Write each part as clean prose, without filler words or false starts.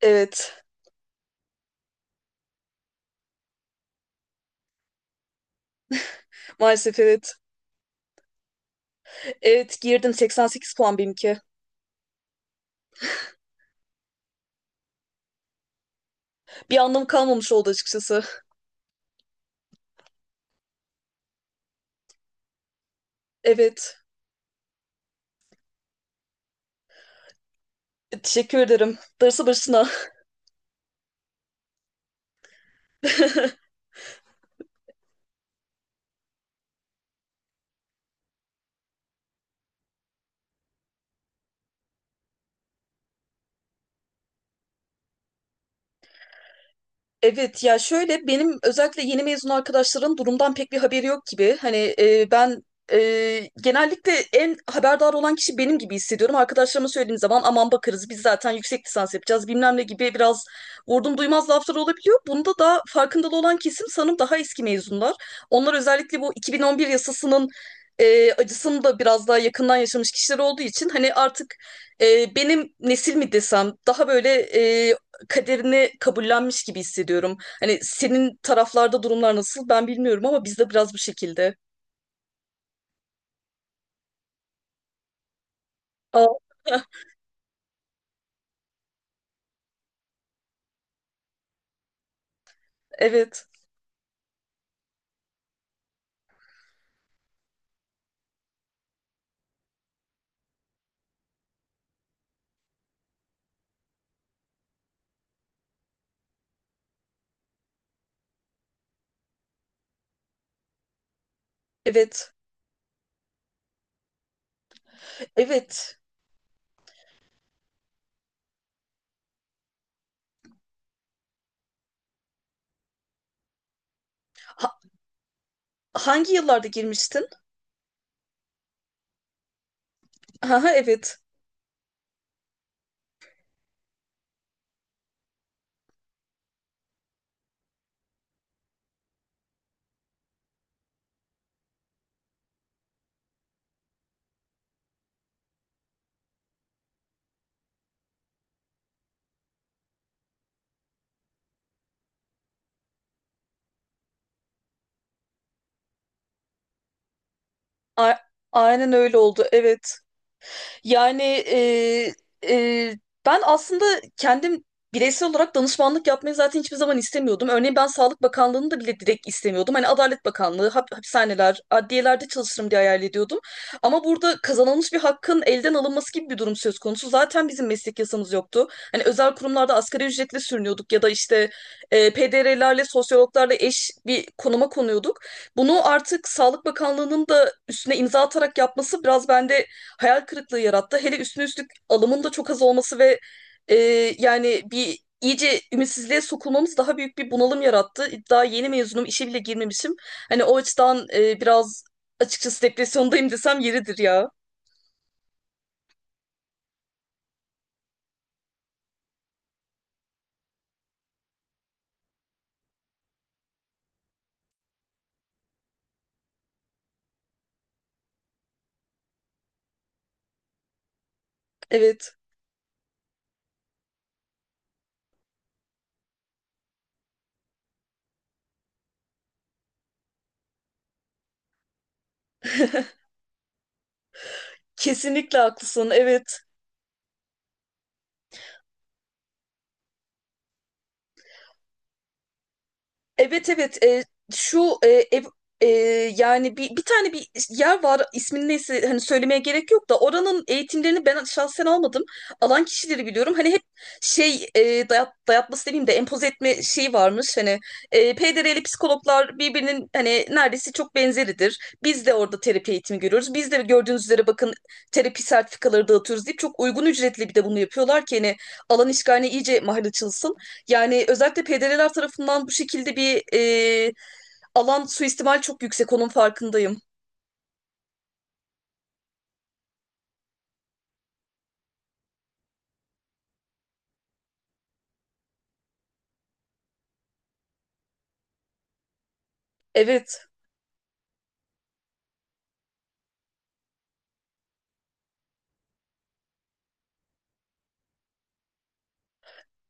Evet. Maalesef evet. Evet girdim, 88 puan benimki. Bir anlamı kalmamış oldu açıkçası. Evet. Teşekkür ederim. Darısı başına. Evet ya, şöyle, benim özellikle yeni mezun arkadaşların durumdan pek bir haberi yok gibi. Hani ben genellikle en haberdar olan kişi benim gibi hissediyorum. Arkadaşlarıma söylediğim zaman aman bakarız biz zaten yüksek lisans yapacağız bilmem ne gibi biraz vurdum duymaz laflar olabiliyor. Bunda da farkındalı olan kesim sanırım daha eski mezunlar. Onlar özellikle bu 2011 yasasının acısını da biraz daha yakından yaşamış kişiler olduğu için hani artık benim nesil mi desem daha böyle kaderini kabullenmiş gibi hissediyorum. Hani senin taraflarda durumlar nasıl ben bilmiyorum ama bizde biraz bu şekilde. Aa, evet. Evet. Evet. Ha- Hangi yıllarda girmiştin? Aha, evet. A- aynen öyle oldu. Evet. Yani, e, ben aslında kendim bireysel olarak danışmanlık yapmayı zaten hiçbir zaman istemiyordum. Örneğin ben Sağlık Bakanlığı'nı da bile direkt istemiyordum. Hani Adalet Bakanlığı, hapishaneler, adliyelerde çalışırım diye hayal ediyordum. Ama burada kazanılmış bir hakkın elden alınması gibi bir durum söz konusu. Zaten bizim meslek yasamız yoktu. Hani özel kurumlarda asgari ücretle sürünüyorduk ya da işte PDR'lerle, sosyologlarla eş bir konuma konuyorduk. Bunu artık Sağlık Bakanlığı'nın da üstüne imza atarak yapması biraz bende hayal kırıklığı yarattı. Hele üstüne üstlük alımın da çok az olması ve e, yani bir iyice ümitsizliğe sokulmamız daha büyük bir bunalım yarattı. Daha yeni mezunum, işe bile girmemişim. Hani o açıdan biraz açıkçası depresyondayım desem yeridir ya. Evet. Kesinlikle haklısın. Evet. Evet, evet, e, şu e, ev- e, yani bir tane bir yer var, ismini neyse hani söylemeye gerek yok da oranın eğitimlerini ben şahsen almadım. Alan kişileri biliyorum. Hani hep şey, dayatması demeyeyim de empoze etme şeyi varmış. Hani PDR'li psikologlar birbirinin hani neredeyse çok benzeridir. Biz de orada terapi eğitimi görüyoruz. Biz de gördüğünüz üzere bakın, terapi sertifikaları dağıtıyoruz deyip çok uygun ücretli bir de bunu yapıyorlar ki hani alan işgaline iyice mahal açılsın. Yani özellikle PDD'ler tarafından bu şekilde bir alan suistimal çok yüksek, onun farkındayım. Evet.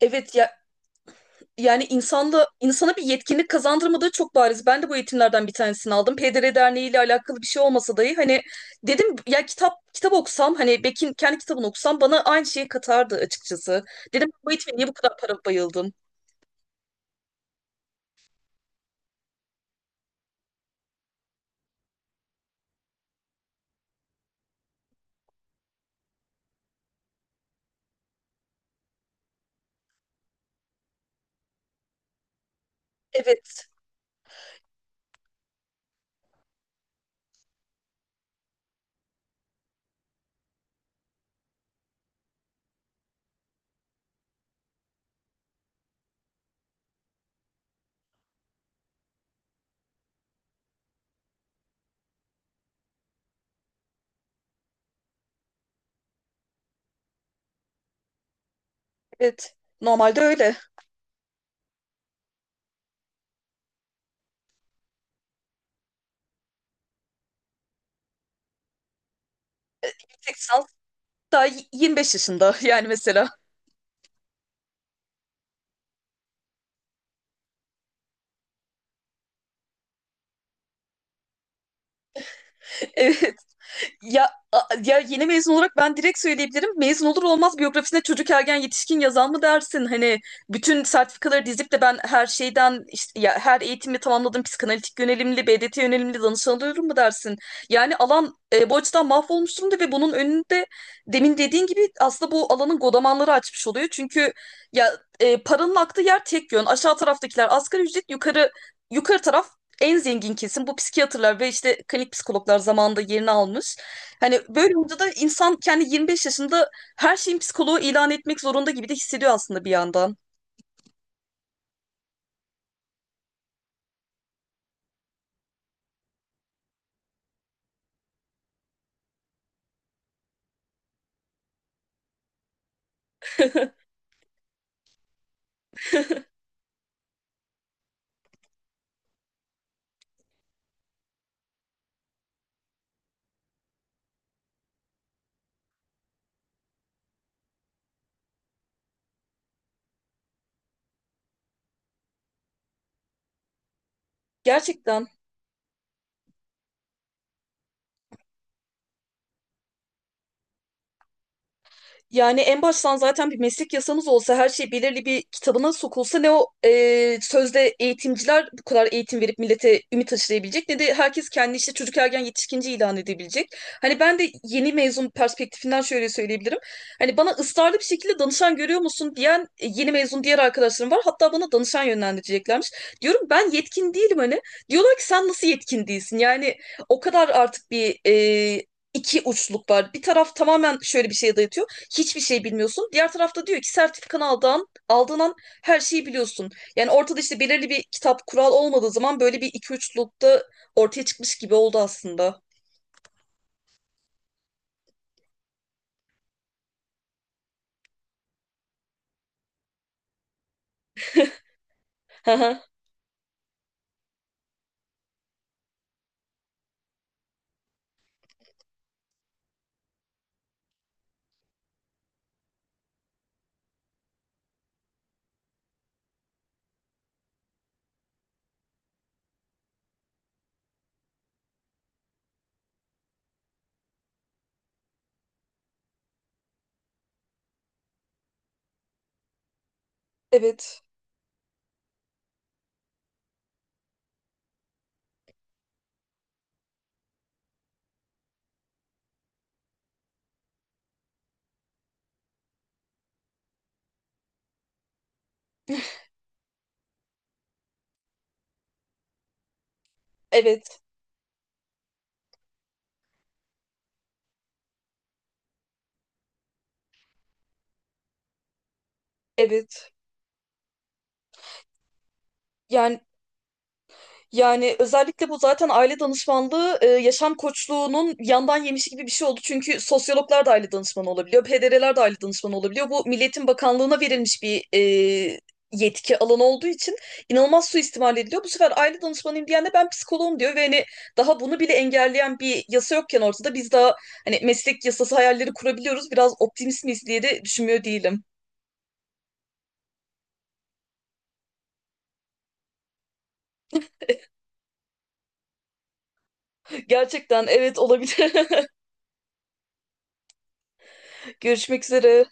Evet ya, yani insanda insana bir yetkinlik kazandırmadığı çok bariz. Ben de bu eğitimlerden bir tanesini aldım. PDR Derneği ile alakalı bir şey olmasa dahi, hani dedim ya, kitap okusam, hani Beck'in kendi kitabını okusam bana aynı şeyi katardı açıkçası. Dedim, bu eğitime niye bu kadar para bayıldım? Evet. Evet. Normalde öyle. Seksen daha 25 yaşında yani mesela. Evet. Ya, ya yeni mezun olarak ben direkt söyleyebilirim. Mezun olur olmaz biyografisine çocuk ergen yetişkin yazan mı dersin? Hani bütün sertifikaları dizip de ben her şeyden işte ya her eğitimi tamamladım, psikanalitik yönelimli, BDT yönelimli danışan alıyorum mu dersin? Yani alan bu açıdan mahvolmuş durumda ve bunun önünde demin dediğin gibi aslında bu alanın godamanları açmış oluyor. Çünkü ya paranın aktığı yer tek yön. Aşağı taraftakiler asgari ücret, yukarı taraf en zengin kesim bu psikiyatrlar ve işte klinik psikologlar zamanında yerini almış. Hani böyle olunca da insan kendi 25 yaşında her şeyin psikoloğu ilan etmek zorunda gibi de hissediyor aslında bir yandan. Gerçekten. Yani en baştan zaten bir meslek yasamız olsa, her şey belirli bir kitabına sokulsa, ne o sözde eğitimciler bu kadar eğitim verip millete ümit aşılayabilecek ne de herkes kendi işte çocuk ergen yetişkinci ilan edebilecek. Hani ben de yeni mezun perspektifinden şöyle söyleyebilirim. Hani bana ısrarlı bir şekilde danışan görüyor musun diyen yeni mezun diğer arkadaşlarım var. Hatta bana danışan yönlendireceklermiş. Diyorum ben yetkin değilim hani. Diyorlar ki sen nasıl yetkin değilsin? Yani o kadar artık bir iki uçluk var. Bir taraf tamamen şöyle bir şeye dayatıyor, hiçbir şey bilmiyorsun. Diğer tarafta diyor ki, sertifikanı aldığın an her şeyi biliyorsun. Yani ortada işte belirli bir kitap kural olmadığı zaman böyle bir iki üçlülükte ortaya çıkmış gibi oldu aslında. Evet, evet, evet. Yani Yani özellikle bu zaten aile danışmanlığı, yaşam koçluğunun yandan yemişi gibi bir şey oldu. Çünkü sosyologlar da aile danışmanı olabiliyor, PDR'ler de aile danışmanı olabiliyor. Bu Milliyetin Bakanlığı'na verilmiş bir yetki alanı olduğu için inanılmaz suistimal ediliyor. Bu sefer aile danışmanıyım diyen de ben psikoloğum diyor ve hani daha bunu bile engelleyen bir yasa yokken ortada, biz daha hani meslek yasası hayalleri kurabiliyoruz. Biraz optimist miyiz diye de düşünmüyor değilim. Gerçekten evet, olabilir. Görüşmek üzere.